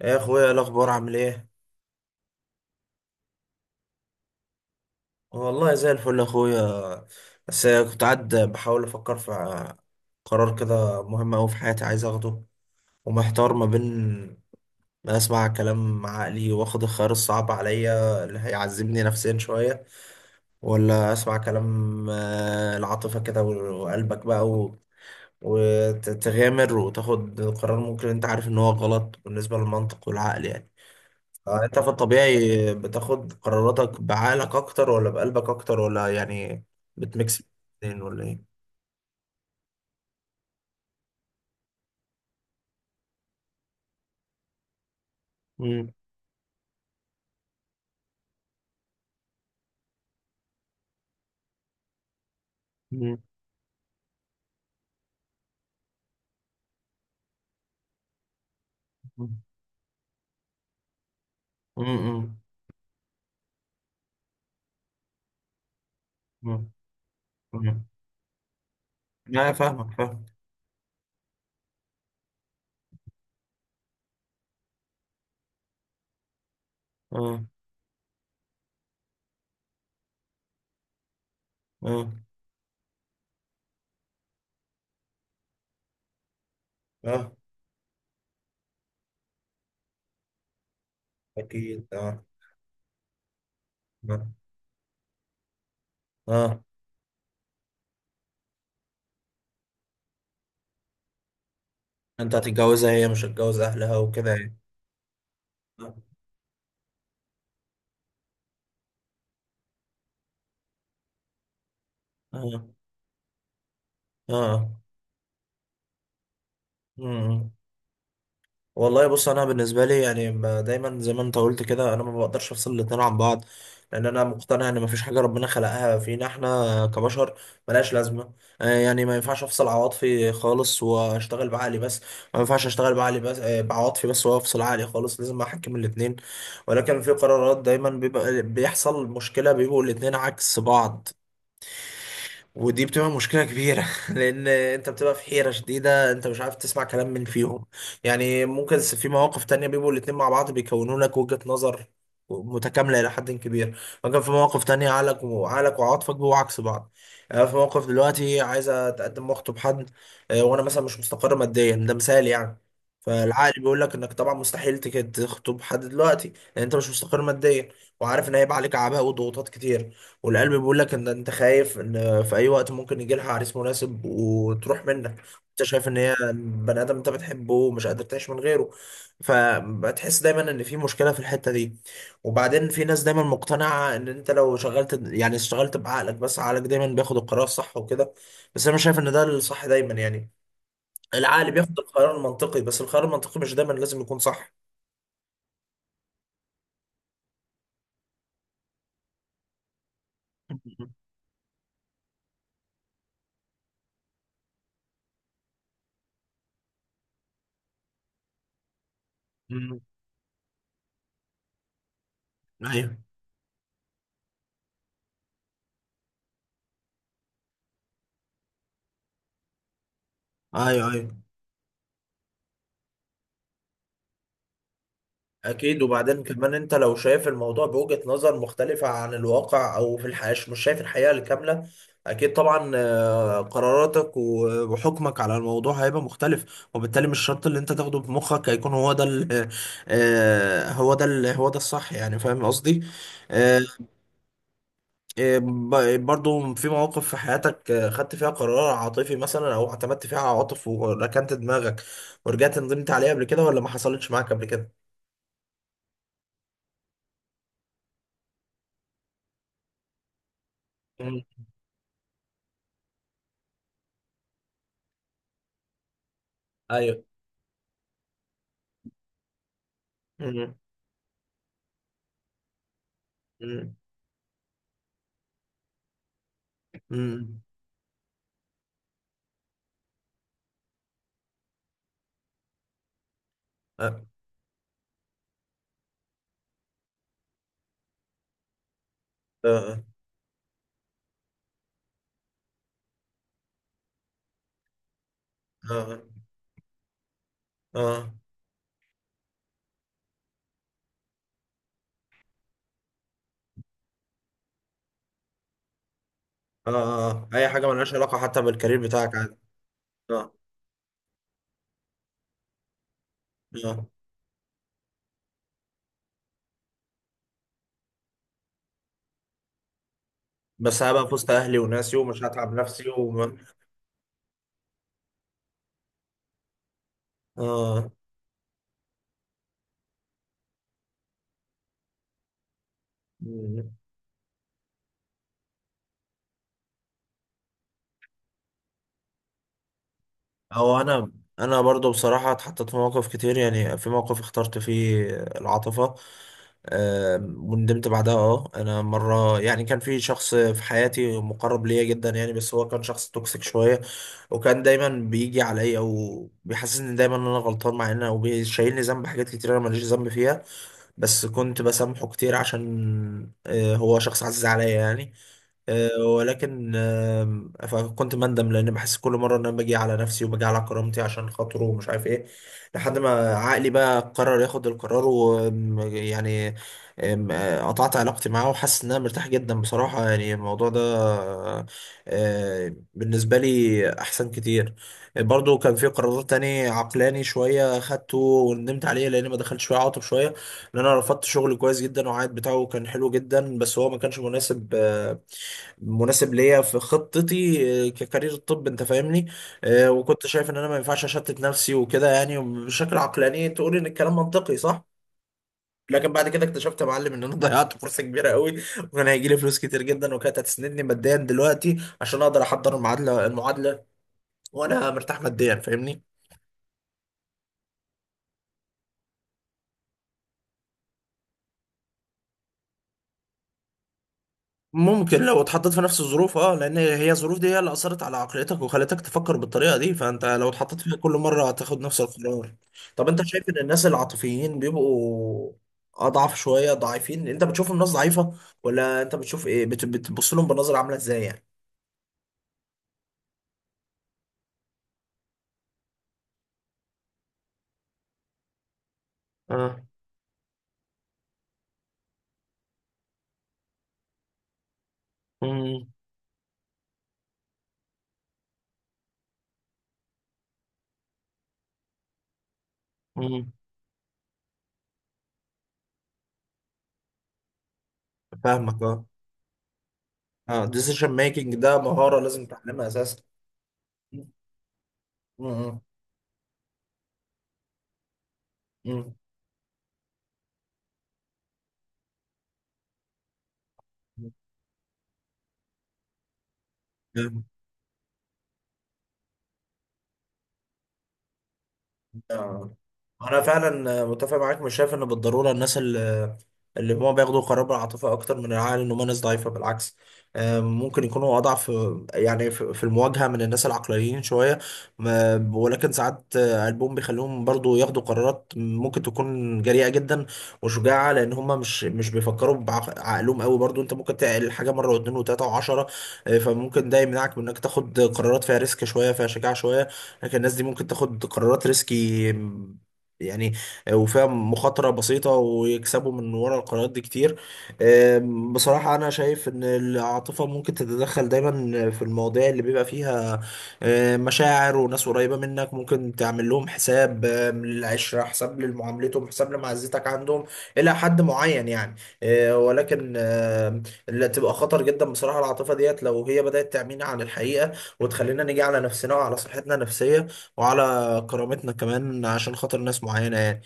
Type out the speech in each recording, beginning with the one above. يا اخويا، إيه الاخبار؟ عامل ايه؟ والله زي الفل يا اخويا. بس كنت قاعد بحاول افكر في قرار كده مهم اوي في حياتي عايز اخده، ومحتار ما بين ما اسمع كلام عقلي واخد الخيار الصعب عليا اللي هيعذبني نفسيا شويه، ولا اسمع كلام العاطفه كده وقلبك بقى وتغامر وتاخد قرار ممكن انت عارف ان هو غلط بالنسبه للمنطق والعقل يعني. انت في الطبيعي بتاخد قراراتك بعقلك اكتر ولا بقلبك اكتر، ولا يعني بتميكس الاتنين، ولا ايه؟ مم. مم. مم. مم. مم. مم. لا، فاهمك فاهم. اه، اه، اه، اكيد. اه، اه. آه. انت هتتجوزها، هي مش هتجوز اهلها وكده يعني. اه، اه. آه. مم. والله بص، انا بالنسبه لي يعني دايما زي ما انت قلت كده، انا ما بقدرش افصل الاتنين عن بعض. لان انا مقتنع ان مفيش حاجه ربنا خلقها فينا احنا كبشر ملهاش لازمه. يعني ما ينفعش افصل عواطفي خالص واشتغل بعقلي بس، ما ينفعش اشتغل بعقلي بس بعواطفي بس وافصل عقلي خالص، لازم احكم الاتنين. ولكن في قرارات دايما بيبقى بيحصل مشكله، بيبقوا الاتنين عكس بعض. ودي بتبقى مشكلة كبيرة لأن أنت بتبقى في حيرة شديدة، أنت مش عارف تسمع كلام من فيهم. يعني ممكن في مواقف تانية بيبقوا الاتنين مع بعض بيكونوا لك وجهة نظر متكاملة إلى حد كبير. ممكن في مواقف تانية عقلك وعاطفك بيبقوا عكس بعض. أنا في موقف دلوقتي عايز أتقدم وأخطب حد، وأنا مثلا مش مستقر ماديا، ده مثال يعني. فالعقل بيقول لك انك طبعا مستحيل تخطب حد دلوقتي، لان انت مش مستقر ماديا، وعارف ان هيبقى عليك اعباء وضغوطات كتير. والقلب بيقول لك ان انت خايف ان في اي وقت ممكن يجي لها عريس مناسب وتروح منك، انت شايف ان هي بني ادم انت بتحبه ومش قادر تعيش من غيره، فبتحس دايما ان في مشكله في الحته دي. وبعدين في ناس دايما مقتنعه ان انت لو شغلت يعني اشتغلت بعقلك بس، عقلك دايما بياخد القرار الصح وكده، بس انا مش شايف ان ده الصح دايما يعني. العقل بياخد القرار المنطقي، بس القرار المنطقي مش دايما لازم يكون صح. ايوه، ايوه، ايوه، اكيد. وبعدين كمان انت لو شايف الموضوع بوجهة نظر مختلفة عن الواقع او في الحياة، مش شايف الحقيقة الكاملة، اكيد طبعا قراراتك وحكمك على الموضوع هيبقى مختلف، وبالتالي مش شرط اللي انت تاخده بمخك هيكون هو ده هو ده الصح، يعني فاهم قصدي. آه، برضو في مواقف في حياتك خدت فيها قرار عاطفي مثلا او اعتمدت فيها على عواطف وركنت دماغك ورجعت ندمت عليها قبل كده، ولا ما حصلتش معاك قبل كده؟ مم. ايوه. مم. مم. مم. آه. آه. آه. آه. آه. أي حاجة ملهاش علاقة حتى بالكارير بتاعك عادي. آه. آه. بس هبقى في وسط أهلي وناسي ومش هتعب نفسي وما. آه. مم. هو انا برضو بصراحه اتحطيت في مواقف كتير، يعني في موقف اخترت فيه العاطفه، وندمت بعدها. اه انا مره يعني كان في شخص في حياتي مقرب ليا جدا يعني، بس هو كان شخص توكسيك شويه، وكان دايما بيجي عليا وبيحسسني دايما ان انا غلطان مع ان او بيشيلني ذنب حاجات كتير انا ماليش ذنب فيها، بس كنت بسامحه كتير عشان هو شخص عزيز عليا يعني. ولكن فكنت مندم لان بحس كل مره ان انا باجي على نفسي وباجي على كرامتي عشان خاطره ومش عارف ايه، لحد ما عقلي بقى قرر ياخد القرار ويعني قطعت علاقتي معاه، وحاسس ان انا مرتاح جدا بصراحه يعني. الموضوع ده بالنسبه لي احسن كتير. برضو كان في قرار تاني عقلاني شويه خدته وندمت عليه لان ما دخلتش فيه عاطف شويه، ان انا رفضت شغل كويس جدا، وعائد بتاعه كان حلو جدا، بس هو ما كانش مناسب مناسب ليا في خطتي، ككارير الطب انت فاهمني. وكنت شايف ان انا ما ينفعش اشتت نفسي وكده يعني، بشكل عقلاني تقول ان الكلام منطقي صح. لكن بعد كده اكتشفت يا معلم ان انا ضيعت فرصه كبيره قوي، وكان هيجي لي فلوس كتير جدا، وكانت هتسندني ماديا دلوقتي عشان اقدر احضر المعادله المعادله، وانا مرتاح ماديا فاهمني. ممكن لو اتحطيت في نفس الظروف، لان هي الظروف دي هي اللي اثرت على عقليتك وخلتك تفكر بالطريقه دي، فانت لو اتحطيت فيها كل مره هتاخد نفس القرار. طب انت شايف ان الناس العاطفيين بيبقوا اضعف شويه ضعيفين، انت بتشوفهم ناس ضعيفه، ولا انت بتشوف ايه؟ بتبص لهم بنظره عامله ازاي يعني؟ اه. امم. امم. فاهمك، اه. اه، ديسيشن ميكنج ده مهاره لازم تتعلمها اساسا. امم. امم. آه. انا فعلا متفق معاك، مش شايف ان بالضروره الناس اللي هم بياخدوا قرار بالعاطفه اكتر من العقل ان هم ناس ضعيفه، بالعكس. ممكن يكونوا اضعف، يعني في المواجهه من الناس العقلانيين شويه. ولكن ساعات قلبهم بيخليهم برضو ياخدوا قرارات ممكن تكون جريئه جدا وشجاعه، لان هم مش بيفكروا بعقلهم قوي، برضو انت ممكن تعقل حاجه مره واثنين وثلاثه وعشره، فممكن ده يمنعك من انك تاخد قرارات فيها ريسك شويه فيها شجاعه شويه. لكن الناس دي ممكن تاخد قرارات ريسكي يعني، وفيها مخاطرة بسيطة ويكسبوا من ورا القرارات دي كتير. بصراحة أنا شايف إن العاطفة ممكن تتدخل دايما في المواضيع اللي بيبقى فيها مشاعر وناس قريبة منك، ممكن تعمل لهم حساب، للعشرة حساب، لمعاملتهم حساب، لمعزتك عندهم، إلى حد معين يعني. ولكن اللي تبقى خطر جدا بصراحة العاطفة ديت لو هي بدأت تعمينا عن الحقيقة، وتخلينا نيجي على نفسنا وعلى صحتنا النفسية وعلى كرامتنا كمان عشان خاطر ناس معينة يعني.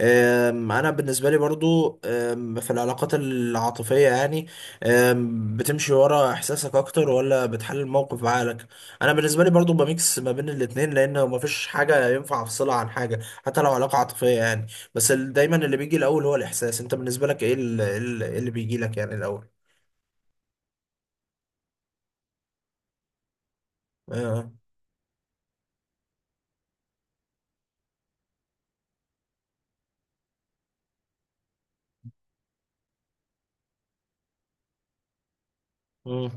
أنا بالنسبة لي برضو في العلاقات العاطفية يعني، بتمشي ورا إحساسك أكتر ولا بتحلل الموقف بعقلك؟ أنا بالنسبة لي برضو بميكس ما بين الاتنين، لأن مفيش حاجة ينفع أفصلها عن حاجة، حتى لو علاقة عاطفية يعني. بس دايما اللي بيجي الأول هو الإحساس. أنت بالنسبة لك إيه اللي بيجي لك يعني الأول؟ آه. مم.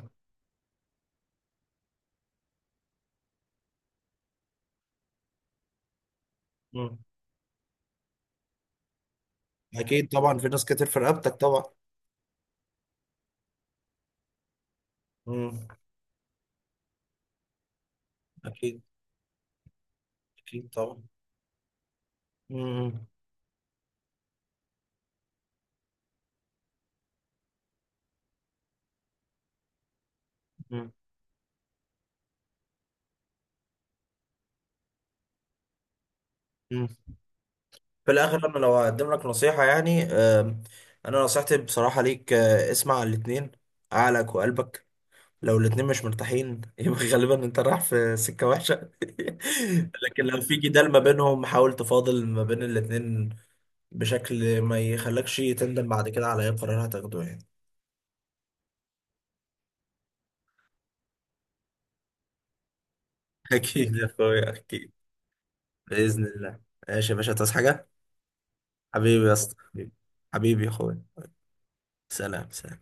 مم. أكيد طبعا، في ناس كتير في رقبتك طبعا. مم. أكيد، أكيد طبعا. مم. مم. مم. في الآخر أنا لو هقدم لك نصيحة يعني، أنا نصيحتي بصراحة ليك اسمع الاتنين، عقلك وقلبك. لو الاتنين مش مرتاحين يبقى غالبا أنت رايح في سكة وحشة. لكن لو في جدال ما بينهم حاول تفاضل ما بين الاتنين بشكل ما يخلكش تندم بعد كده على أي قرار هتاخده يعني. أكيد يا أخويا أكيد. بإذن الله. ماشي يا باشا، تصحى حاجة؟ حبيبي يا اسطى، حبيبي. حبيبي يا أخويا. سلام، سلام.